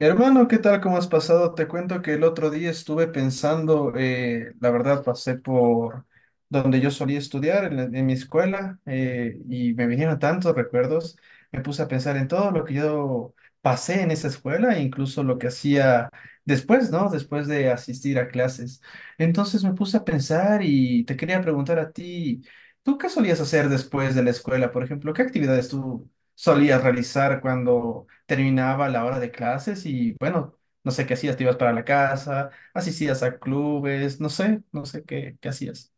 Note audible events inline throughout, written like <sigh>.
Hermano, ¿qué tal? ¿Cómo has pasado? Te cuento que el otro día estuve pensando, la verdad, pasé por donde yo solía estudiar, en mi escuela, y me vinieron tantos recuerdos, me puse a pensar en todo lo que yo pasé en esa escuela, e incluso lo que hacía después, ¿no? Después de asistir a clases. Entonces me puse a pensar y te quería preguntar a ti, ¿tú qué solías hacer después de la escuela? Por ejemplo, ¿qué actividades tú solías realizar cuando terminaba la hora de clases y bueno, no sé qué hacías, te ibas para la casa, asistías a clubes, no sé, qué hacías.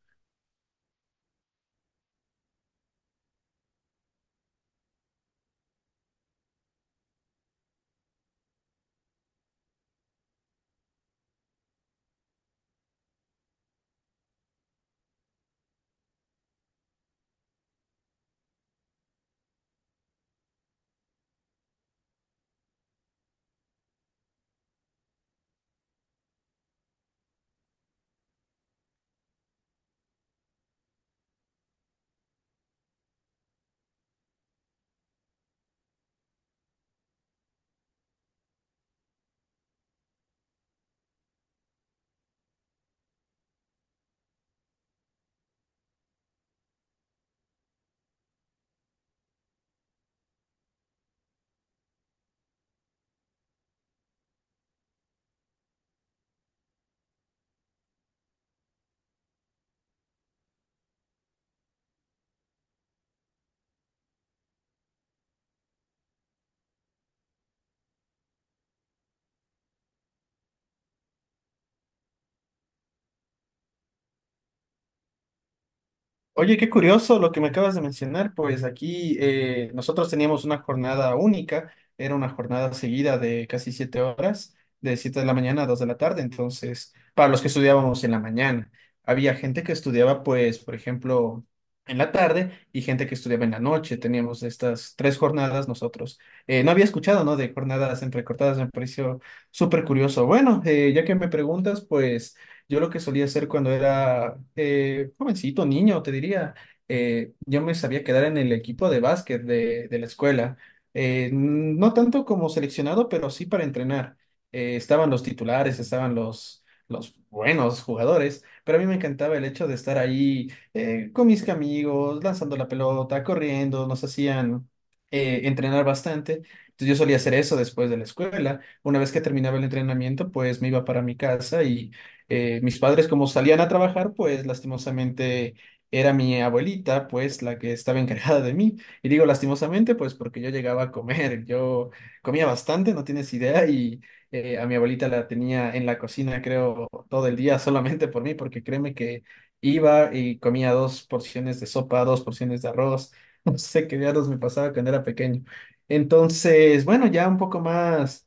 Oye, qué curioso lo que me acabas de mencionar, pues aquí nosotros teníamos una jornada única, era una jornada seguida de casi 7 horas, de 7 de la mañana a 2 de la tarde. Entonces, para los que estudiábamos en la mañana, había gente que estudiaba, pues, por ejemplo, en la tarde, y gente que estudiaba en la noche. Teníamos estas tres jornadas nosotros. No había escuchado, ¿no? De jornadas entrecortadas, me pareció súper curioso. Bueno, ya que me preguntas, pues... Yo lo que solía hacer cuando era jovencito, niño, te diría, yo me sabía quedar en el equipo de básquet de la escuela. No tanto como seleccionado, pero sí para entrenar. Estaban los titulares, estaban los buenos jugadores, pero a mí me encantaba el hecho de estar ahí con mis amigos, lanzando la pelota, corriendo, nos hacían entrenar bastante. Entonces yo solía hacer eso después de la escuela. Una vez que terminaba el entrenamiento, pues me iba para mi casa y mis padres, como salían a trabajar, pues lastimosamente era mi abuelita pues la que estaba encargada de mí. Y digo lastimosamente pues porque yo llegaba a comer, yo comía bastante, no tienes idea, y a mi abuelita la tenía en la cocina, creo, todo el día solamente por mí, porque créeme que iba y comía 2 porciones de sopa, 2 porciones de arroz. <laughs> No sé qué diablos me pasaba cuando era pequeño. Entonces, bueno, ya un poco más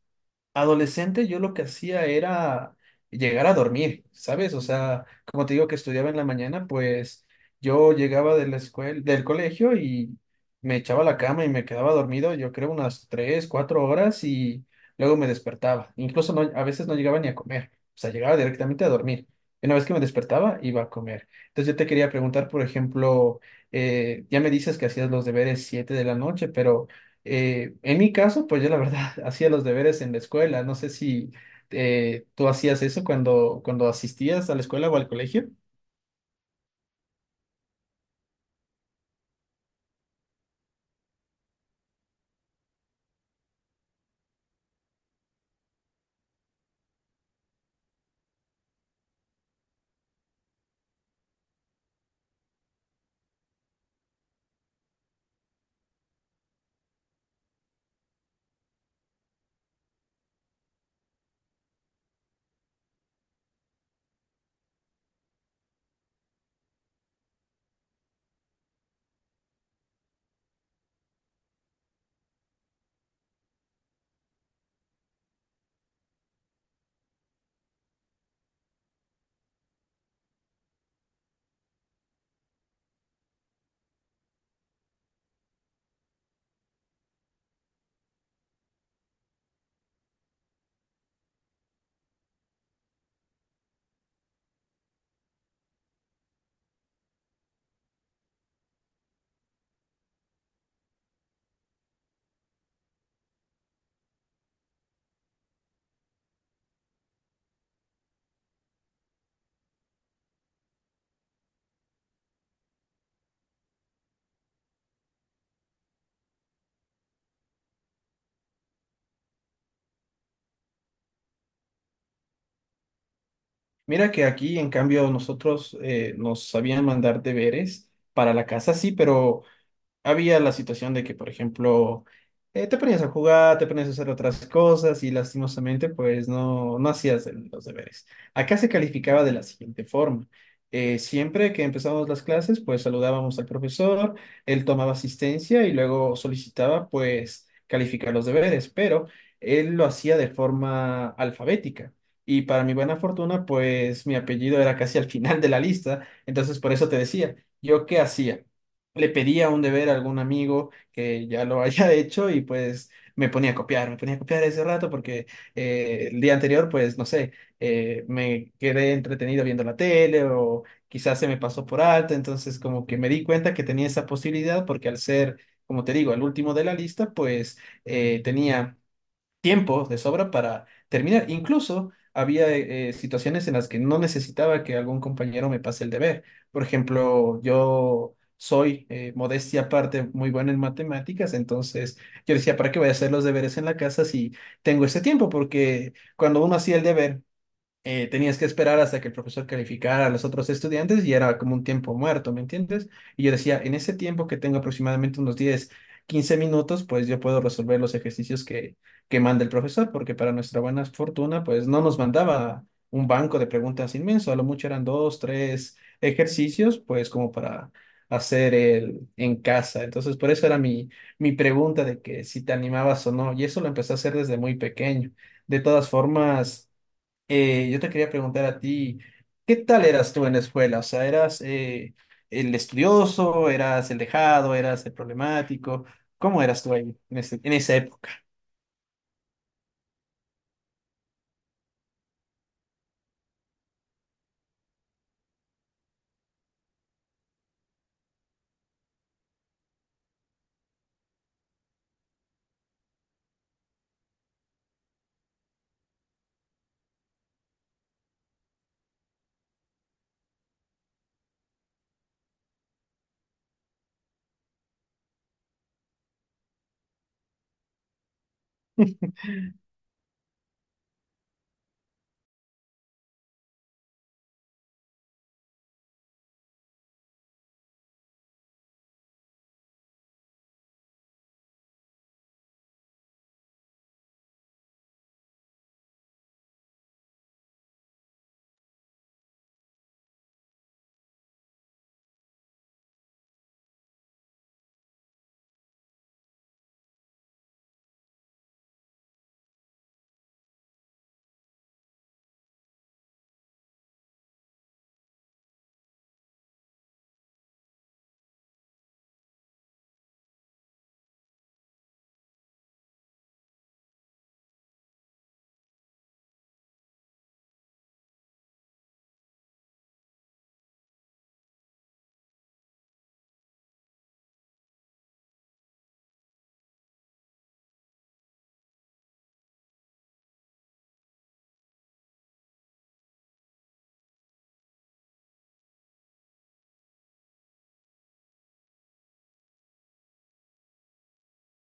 adolescente, yo lo que hacía era llegar a dormir, ¿sabes? O sea, como te digo que estudiaba en la mañana, pues yo llegaba de la escuela, del colegio, y me echaba a la cama y me quedaba dormido, yo creo unas tres, cuatro horas, y luego me despertaba. Incluso no, a veces no llegaba ni a comer, o sea, llegaba directamente a dormir. Y una vez que me despertaba, iba a comer. Entonces yo te quería preguntar, por ejemplo, ya me dices que hacías los deberes 7 de la noche, pero... En mi caso, pues yo la verdad <laughs> hacía los deberes en la escuela. No sé si tú hacías eso cuando asistías a la escuela o al colegio. Mira que aquí, en cambio, nosotros nos sabían mandar deberes para la casa, sí, pero había la situación de que, por ejemplo, te ponías a jugar, te ponías a hacer otras cosas y lastimosamente, pues no, no hacías los deberes. Acá se calificaba de la siguiente forma. Siempre que empezábamos las clases, pues saludábamos al profesor, él tomaba asistencia y luego solicitaba, pues, calificar los deberes, pero él lo hacía de forma alfabética. Y para mi buena fortuna, pues mi apellido era casi al final de la lista, entonces por eso te decía, ¿yo qué hacía? Le pedía un deber a algún amigo que ya lo haya <laughs> hecho y pues me ponía a copiar, me ponía a copiar ese rato porque el día anterior pues no sé, me quedé entretenido viendo la tele o quizás se me pasó por alto. Entonces como que me di cuenta que tenía esa posibilidad, porque al ser, como te digo, el último de la lista, pues tenía tiempo de sobra para terminar. Incluso había situaciones en las que no necesitaba que algún compañero me pase el deber. Por ejemplo, yo soy, modestia aparte, muy bueno en matemáticas, entonces yo decía, ¿para qué voy a hacer los deberes en la casa si tengo este tiempo? Porque cuando uno hacía el deber, tenías que esperar hasta que el profesor calificara a los otros estudiantes y era como un tiempo muerto, ¿me entiendes? Y yo decía, en ese tiempo que tengo, aproximadamente unos 10, 15 minutos, pues yo puedo resolver los ejercicios que manda el profesor, porque para nuestra buena fortuna, pues no nos mandaba un banco de preguntas inmenso, a lo mucho eran dos, tres ejercicios, pues como para hacer el en casa. Entonces, por eso era mi pregunta de que si te animabas o no, y eso lo empecé a hacer desde muy pequeño. De todas formas, yo te quería preguntar a ti, ¿qué tal eras tú en la escuela? O sea, ¿eras el estudioso, eras el dejado, eras el problemático? ¿Cómo eras tú ahí en esa?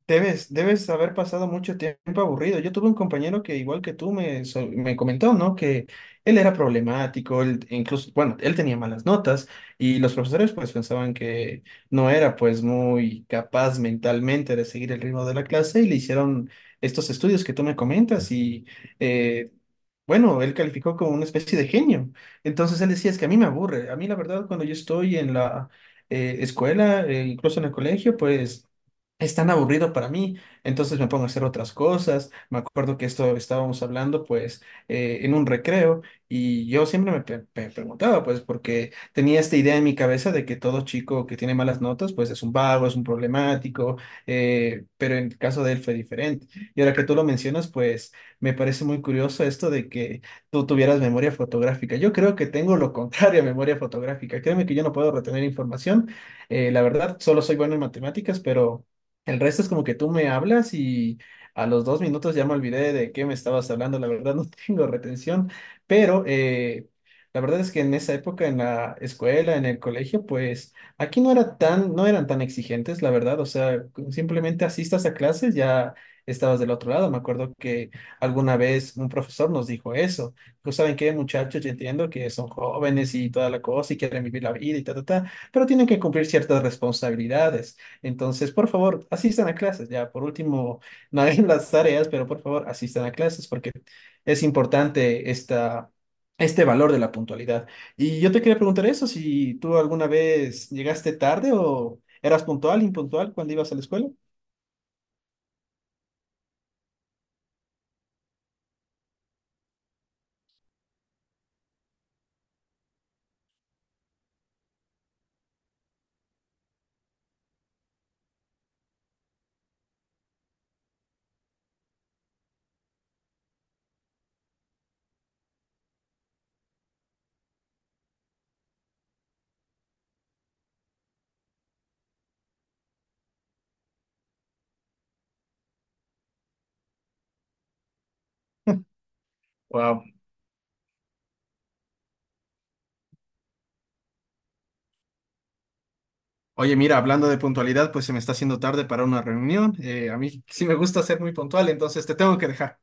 Debes, debes haber pasado mucho tiempo aburrido. Yo tuve un compañero que, igual que tú, me comentó, ¿no? Que él era problemático. Él, incluso, bueno, él tenía malas notas y los profesores pues pensaban que no era pues muy capaz mentalmente de seguir el ritmo de la clase, y le hicieron estos estudios que tú me comentas y eh, bueno, él calificó como una especie de genio. Entonces él decía, es que a mí me aburre. A mí la verdad, cuando yo estoy en la escuela, incluso en el colegio, pues es tan aburrido para mí. Entonces me pongo a hacer otras cosas. Me acuerdo que esto estábamos hablando pues en un recreo, y yo siempre preguntaba pues, porque tenía esta idea en mi cabeza de que todo chico que tiene malas notas pues es un vago, es un problemático, pero en el caso de él fue diferente. Y ahora que tú lo mencionas, pues me parece muy curioso esto de que tú tuvieras memoria fotográfica. Yo creo que tengo lo <laughs> contrario a memoria fotográfica. Créeme que yo no puedo retener información. La verdad, solo soy bueno en matemáticas, pero el resto es como que tú me hablas y a los 2 minutos ya me olvidé de qué me estabas hablando. La verdad, no <laughs> tengo retención, pero... La verdad es que en esa época, en la escuela, en el colegio, pues aquí no eran tan exigentes, la verdad. O sea, simplemente asistas a clases, ya estabas del otro lado. Me acuerdo que alguna vez un profesor nos dijo eso, que saben qué, muchachos, yo entiendo que son jóvenes y toda la cosa y quieren vivir la vida y ta, ta, ta, pero tienen que cumplir ciertas responsabilidades. Entonces, por favor, asistan a clases. Ya, por último, <laughs> no hagan las tareas, pero por favor, asistan a clases porque es importante este valor de la puntualidad. Y yo te quería preguntar eso, si tú alguna vez llegaste tarde o eras puntual, impuntual cuando ibas a la escuela. Wow. Oye, mira, hablando de puntualidad, pues se me está haciendo tarde para una reunión. A mí sí me gusta ser muy puntual, entonces te tengo que dejar.